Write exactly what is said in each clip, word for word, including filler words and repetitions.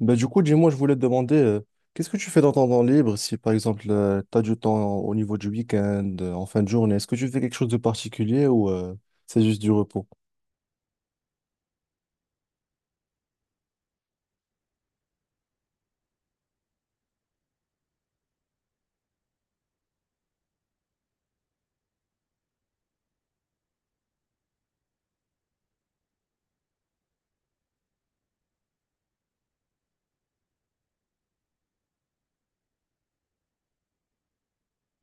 Bah, du coup, dis-moi, je voulais te demander, euh, qu'est-ce que tu fais dans ton temps libre si, par exemple, tu as du temps au niveau du week-end, euh, en fin de journée? Est-ce que tu fais quelque chose de particulier ou euh, c'est juste du repos?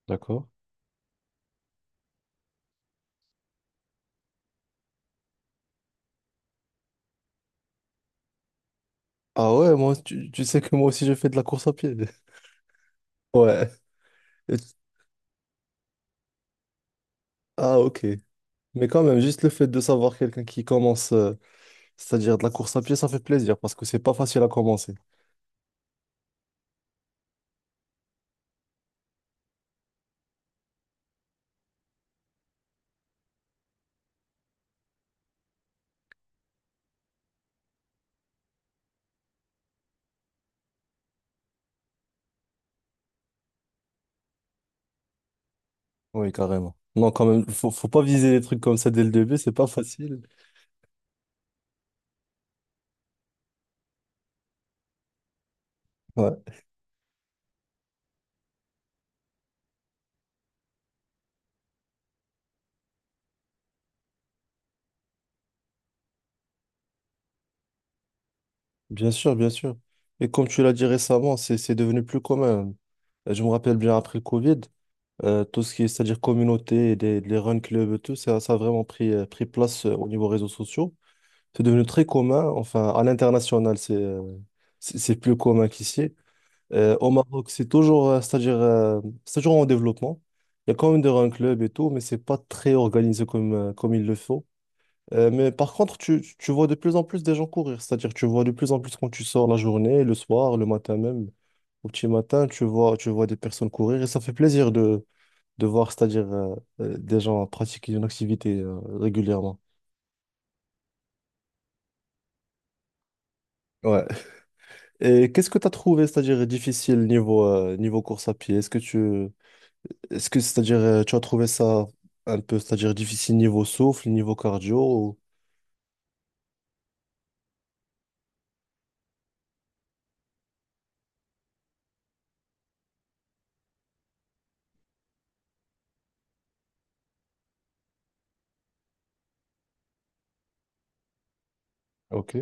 D'accord. Ah ouais, moi, tu, tu sais que moi aussi, je fais de la course à pied. Ouais. Et- Ah, ok. Mais quand même, juste le fait de savoir quelqu'un qui commence, euh, c'est-à-dire de la course à pied, ça fait plaisir parce que c'est pas facile à commencer. Oui, carrément. Non, quand même, faut, faut pas viser des trucs comme ça dès le début, c'est pas facile. Ouais. Bien sûr, bien sûr. Et comme tu l'as dit récemment, c'est c'est devenu plus commun. Euh, Je me rappelle bien après le Covid, euh, tout ce qui est, c'est-à-dire communauté, et des, les run clubs et tout, ça, ça a vraiment pris, euh, pris place euh, au niveau réseaux sociaux. C'est devenu très commun. Enfin, à l'international, c'est euh, c'est c'est plus commun qu'ici. Euh, au Maroc, c'est toujours, euh, c'est-à-dire, euh, c'est toujours en développement. Il y a quand même des run clubs et tout, mais c'est pas très organisé comme, euh, comme il le faut. Euh, mais par contre, tu, tu vois de plus en plus des gens courir, c'est-à-dire tu vois de plus en plus quand tu sors la journée, le soir, le matin même, au petit matin, tu vois, tu vois des personnes courir et ça fait plaisir de, de voir, c'est-à-dire euh, euh, des gens pratiquer une activité euh, régulièrement. Ouais. Et qu'est-ce que tu as trouvé, c'est-à-dire difficile niveau, euh, niveau course à pied? Est-ce que tu, est-ce que, c'est-à-dire euh, tu as trouvé ça un peu, c'est-à-dire difficile niveau souffle, niveau cardio? ou- Ok.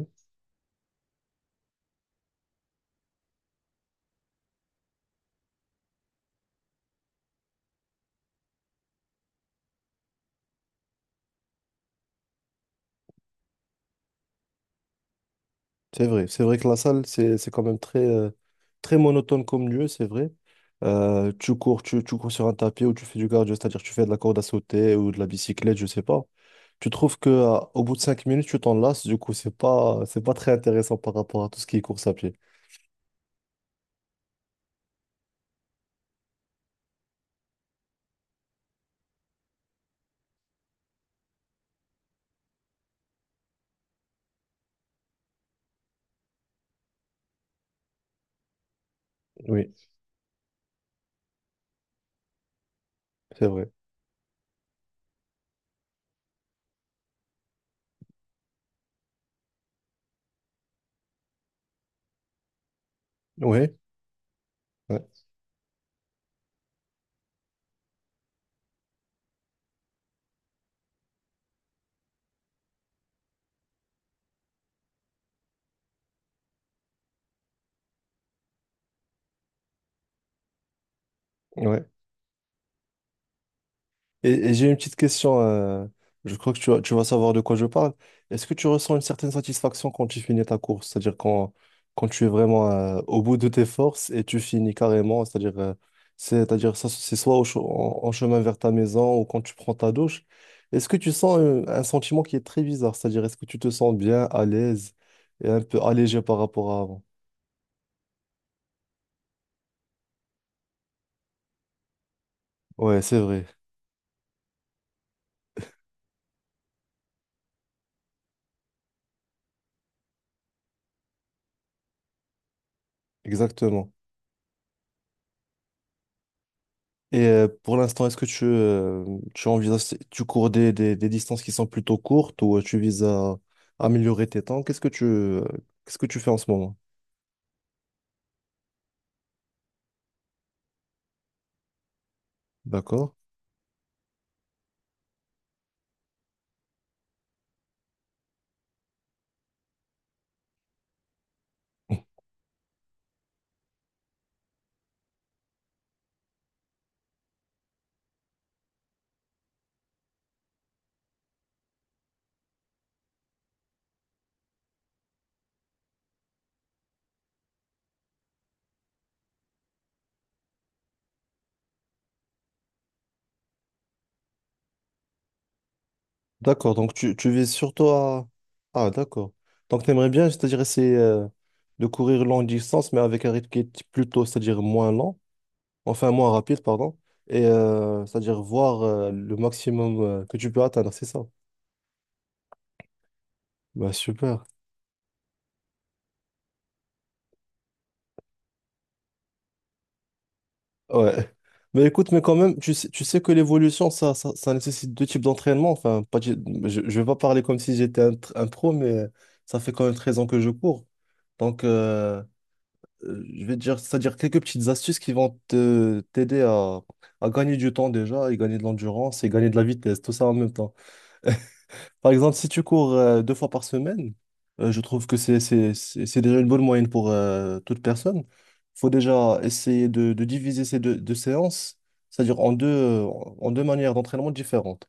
C'est vrai, c'est vrai que la salle, c'est, c'est quand même très, euh, très monotone comme lieu, c'est vrai. Euh, tu cours, tu, tu cours sur un tapis ou tu fais du cardio, c'est-à-dire tu fais de la corde à sauter ou de la bicyclette, je sais pas. Tu trouves que, euh, au bout de cinq minutes, tu t'en lasses, du coup, c'est pas, c'est pas très intéressant par rapport à tout ce qui est course à pied. Oui, c'est vrai. Oui, ouais, ouais. Et, et j'ai une petite question. Euh, je crois que tu vas, tu vas savoir de quoi je parle. Est-ce que tu ressens une certaine satisfaction quand tu finis ta course? C'est-à-dire quand, quand tu es vraiment euh, au bout de tes forces et tu finis carrément. C'est-à-dire euh, c'est, c'est-à-dire ça, c'est soit au che- en, en chemin vers ta maison ou quand tu prends ta douche. Est-ce que tu sens euh, un, sentiment qui est très bizarre? C'est-à-dire est-ce que tu te sens bien, à l'aise et un peu allégé par rapport à avant? Ouais, c'est vrai. Exactement. Et euh, pour l'instant, est-ce que tu, euh, tu envisages, tu cours des, des, des distances qui sont plutôt courtes ou euh, tu vises à améliorer tes temps? Qu'est-ce que tu, euh, qu'est-ce que tu fais en ce moment? D'accord. D'accord. Donc, tu, tu vises surtout à. Ah, d'accord. Donc, tu aimerais bien, c'est-à-dire essayer euh, de courir longue distance, mais avec un rythme qui est plutôt, c'est-à-dire moins lent, enfin moins rapide, pardon, et euh, c'est-à-dire voir euh, le maximum euh, que tu peux atteindre, c'est ça? Bah, super. Ouais. Mais écoute, mais quand même, tu sais, tu sais que l'évolution, ça, ça, ça nécessite deux types d'entraînement. Enfin, pas, du- je ne vais pas parler comme si j'étais un, tr- un pro, mais ça fait quand même treize ans que je cours. Donc, euh, euh, je vais te dire, c'est-à-dire quelques petites astuces qui vont te t'aider à, à gagner du temps déjà, et gagner de l'endurance, et gagner de la vitesse, tout ça en même temps. Par exemple, si tu cours euh, deux fois par semaine, euh, je trouve que c'est c'est- c'est- c'est déjà une bonne moyenne pour euh, toute personne. Il faut déjà essayer de, de diviser ces deux, deux séances, c'est-à-dire en deux, euh, en deux manières d'entraînement différentes.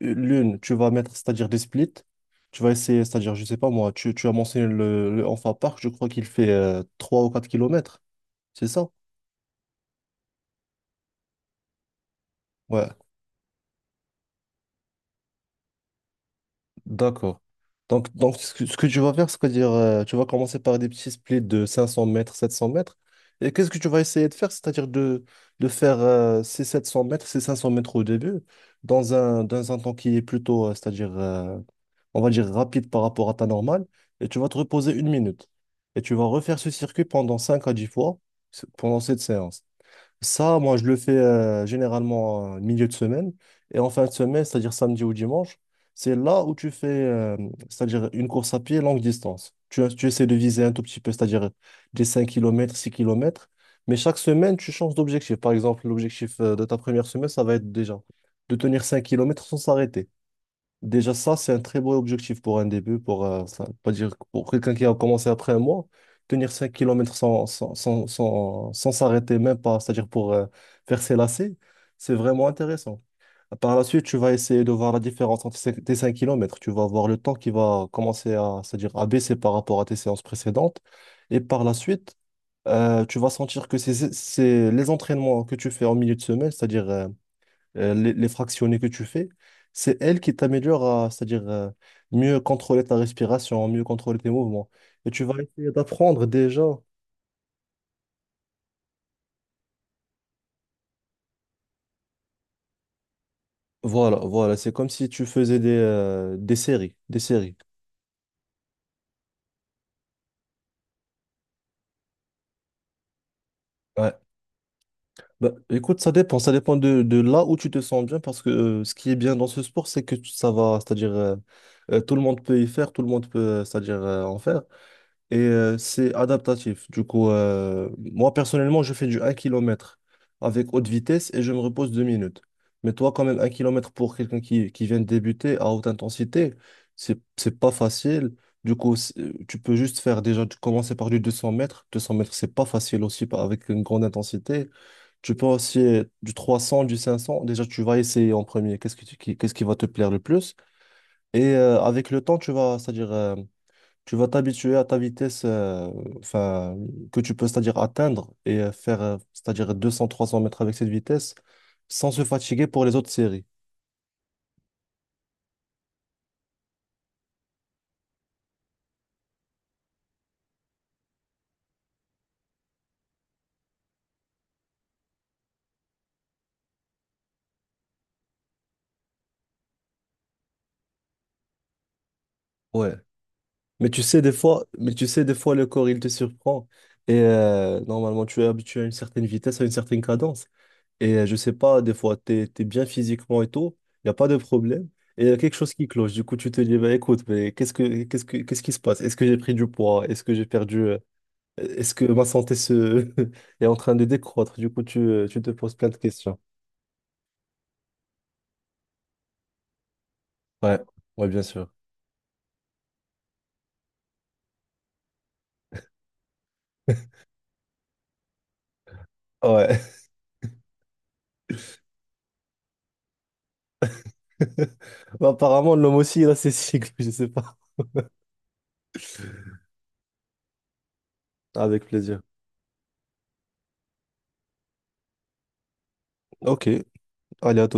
L'une, tu vas mettre, c'est-à-dire des splits. Tu vas essayer, c'est-à-dire, je sais pas moi, tu, tu as mentionné le, le Enfa Park, je crois qu'il fait euh, trois ou quatre kilomètres, c'est ça? Ouais. D'accord. Donc, donc, ce que, ce que tu vas faire, c'est-à-dire, euh, tu vas commencer par des petits splits de cinq cents mètres, sept cents mètres. Et qu'est-ce que tu vas essayer de faire? C'est-à-dire de, de faire euh, ces sept cents mètres, ces cinq cents mètres au début, dans un, dans un temps qui est plutôt, euh, c'est-à-dire, euh, on va dire, rapide par rapport à ta normale. Et tu vas te reposer une minute. Et tu vas refaire ce circuit pendant cinq à dix fois, c'est- pendant cette séance. Ça, moi, je le fais euh, généralement euh, milieu de semaine. Et en fin de semaine, c'est-à-dire samedi ou dimanche, c'est là où tu fais, euh, c'est-à-dire une course à pied longue distance. Tu, tu essaies de viser un tout petit peu, c'est-à-dire des cinq kilomètres, six kilomètres. Mais chaque semaine, tu changes d'objectif. Par exemple, l'objectif euh, de ta première semaine, ça va être déjà de tenir cinq kilomètres sans s'arrêter. Déjà, ça, c'est un très beau objectif pour un début, pour, euh, ça veut pas dire que pour quelqu'un qui a commencé après un mois, tenir cinq kilomètres sans, sans, sans, sans, sans s'arrêter même pas, c'est-à-dire pour euh, faire ses lacets, c'est vraiment intéressant. Par la suite, tu vas essayer de voir la différence entre ces- tes cinq kilomètres. Tu vas voir le temps qui va commencer à, c'est-à-dire à baisser par rapport à tes séances précédentes. Et par la suite, euh, tu vas sentir que c'est c'est- c'est les entraînements que tu fais en milieu de semaine, c'est-à-dire euh, euh, les, les fractionnés que tu fais, c'est elle qui t'améliore à, c'est-à-dire euh, mieux contrôler ta respiration, mieux contrôler tes mouvements. Et tu vas essayer d'apprendre déjà. Voilà, voilà, c'est comme si tu faisais des, euh, des séries, des séries. Ouais. Bah, écoute, ça dépend, ça dépend de, de là où tu te sens bien, parce que euh, ce qui est bien dans ce sport, c'est que tu- ça va, c'est-à-dire euh, euh, tout le monde peut y faire, tout le monde peut, euh, c'est-à-dire euh, en faire. Et euh, c'est adaptatif. Du coup, euh, moi personnellement, je fais du un kilomètre avec haute vitesse et je me repose deux minutes. Mais toi, quand même, un kilomètre pour quelqu'un qui, qui vient de débuter à haute intensité, c'est, c'est pas facile. Du coup, c'est- tu peux juste faire déjà, tu commencer par du deux cents mètres. Deux cents mètres, c'est pas facile aussi pas- avec une grande intensité. Tu peux aussi euh, du trois cents du cinq cents. Déjà, tu vas essayer en premier. Qu'est-ce que tu- qui, qu'est-ce qui va te plaire le plus? Et euh, avec le temps, tu vas, c'est-à-dire. euh, tu vas, t'habituer à ta vitesse euh, enfin, que tu peux, c'est-à-dire atteindre et euh, faire, euh, c'est-à-dire deux cents, trois cents mètres avec cette vitesse sans se fatiguer pour les autres séries. Ouais, mais tu sais, des fois, mais tu sais, des fois, le corps, il te surprend. Et euh, normalement, tu es habitué à une certaine vitesse, à une certaine cadence. Et euh, je sais pas, des fois, tu es, bien physiquement et tout, il n'y a pas de problème. Et il y a quelque chose qui cloche. Du coup, tu te dis, bah, écoute, mais qu'est-ce que, qu'est-ce que, qu'est-ce qui se passe? Est-ce que j'ai pris du poids? Est-ce que j'ai perdu? euh, Est-ce que ma santé se... est en train de décroître? Du coup, tu, euh, tu te poses plein de questions. Ouais, ouais, bien sûr. Ouais. Bah, apparemment, l'homme aussi, il a ses cycles, je sais pas. Avec plaisir. Ok. Hola,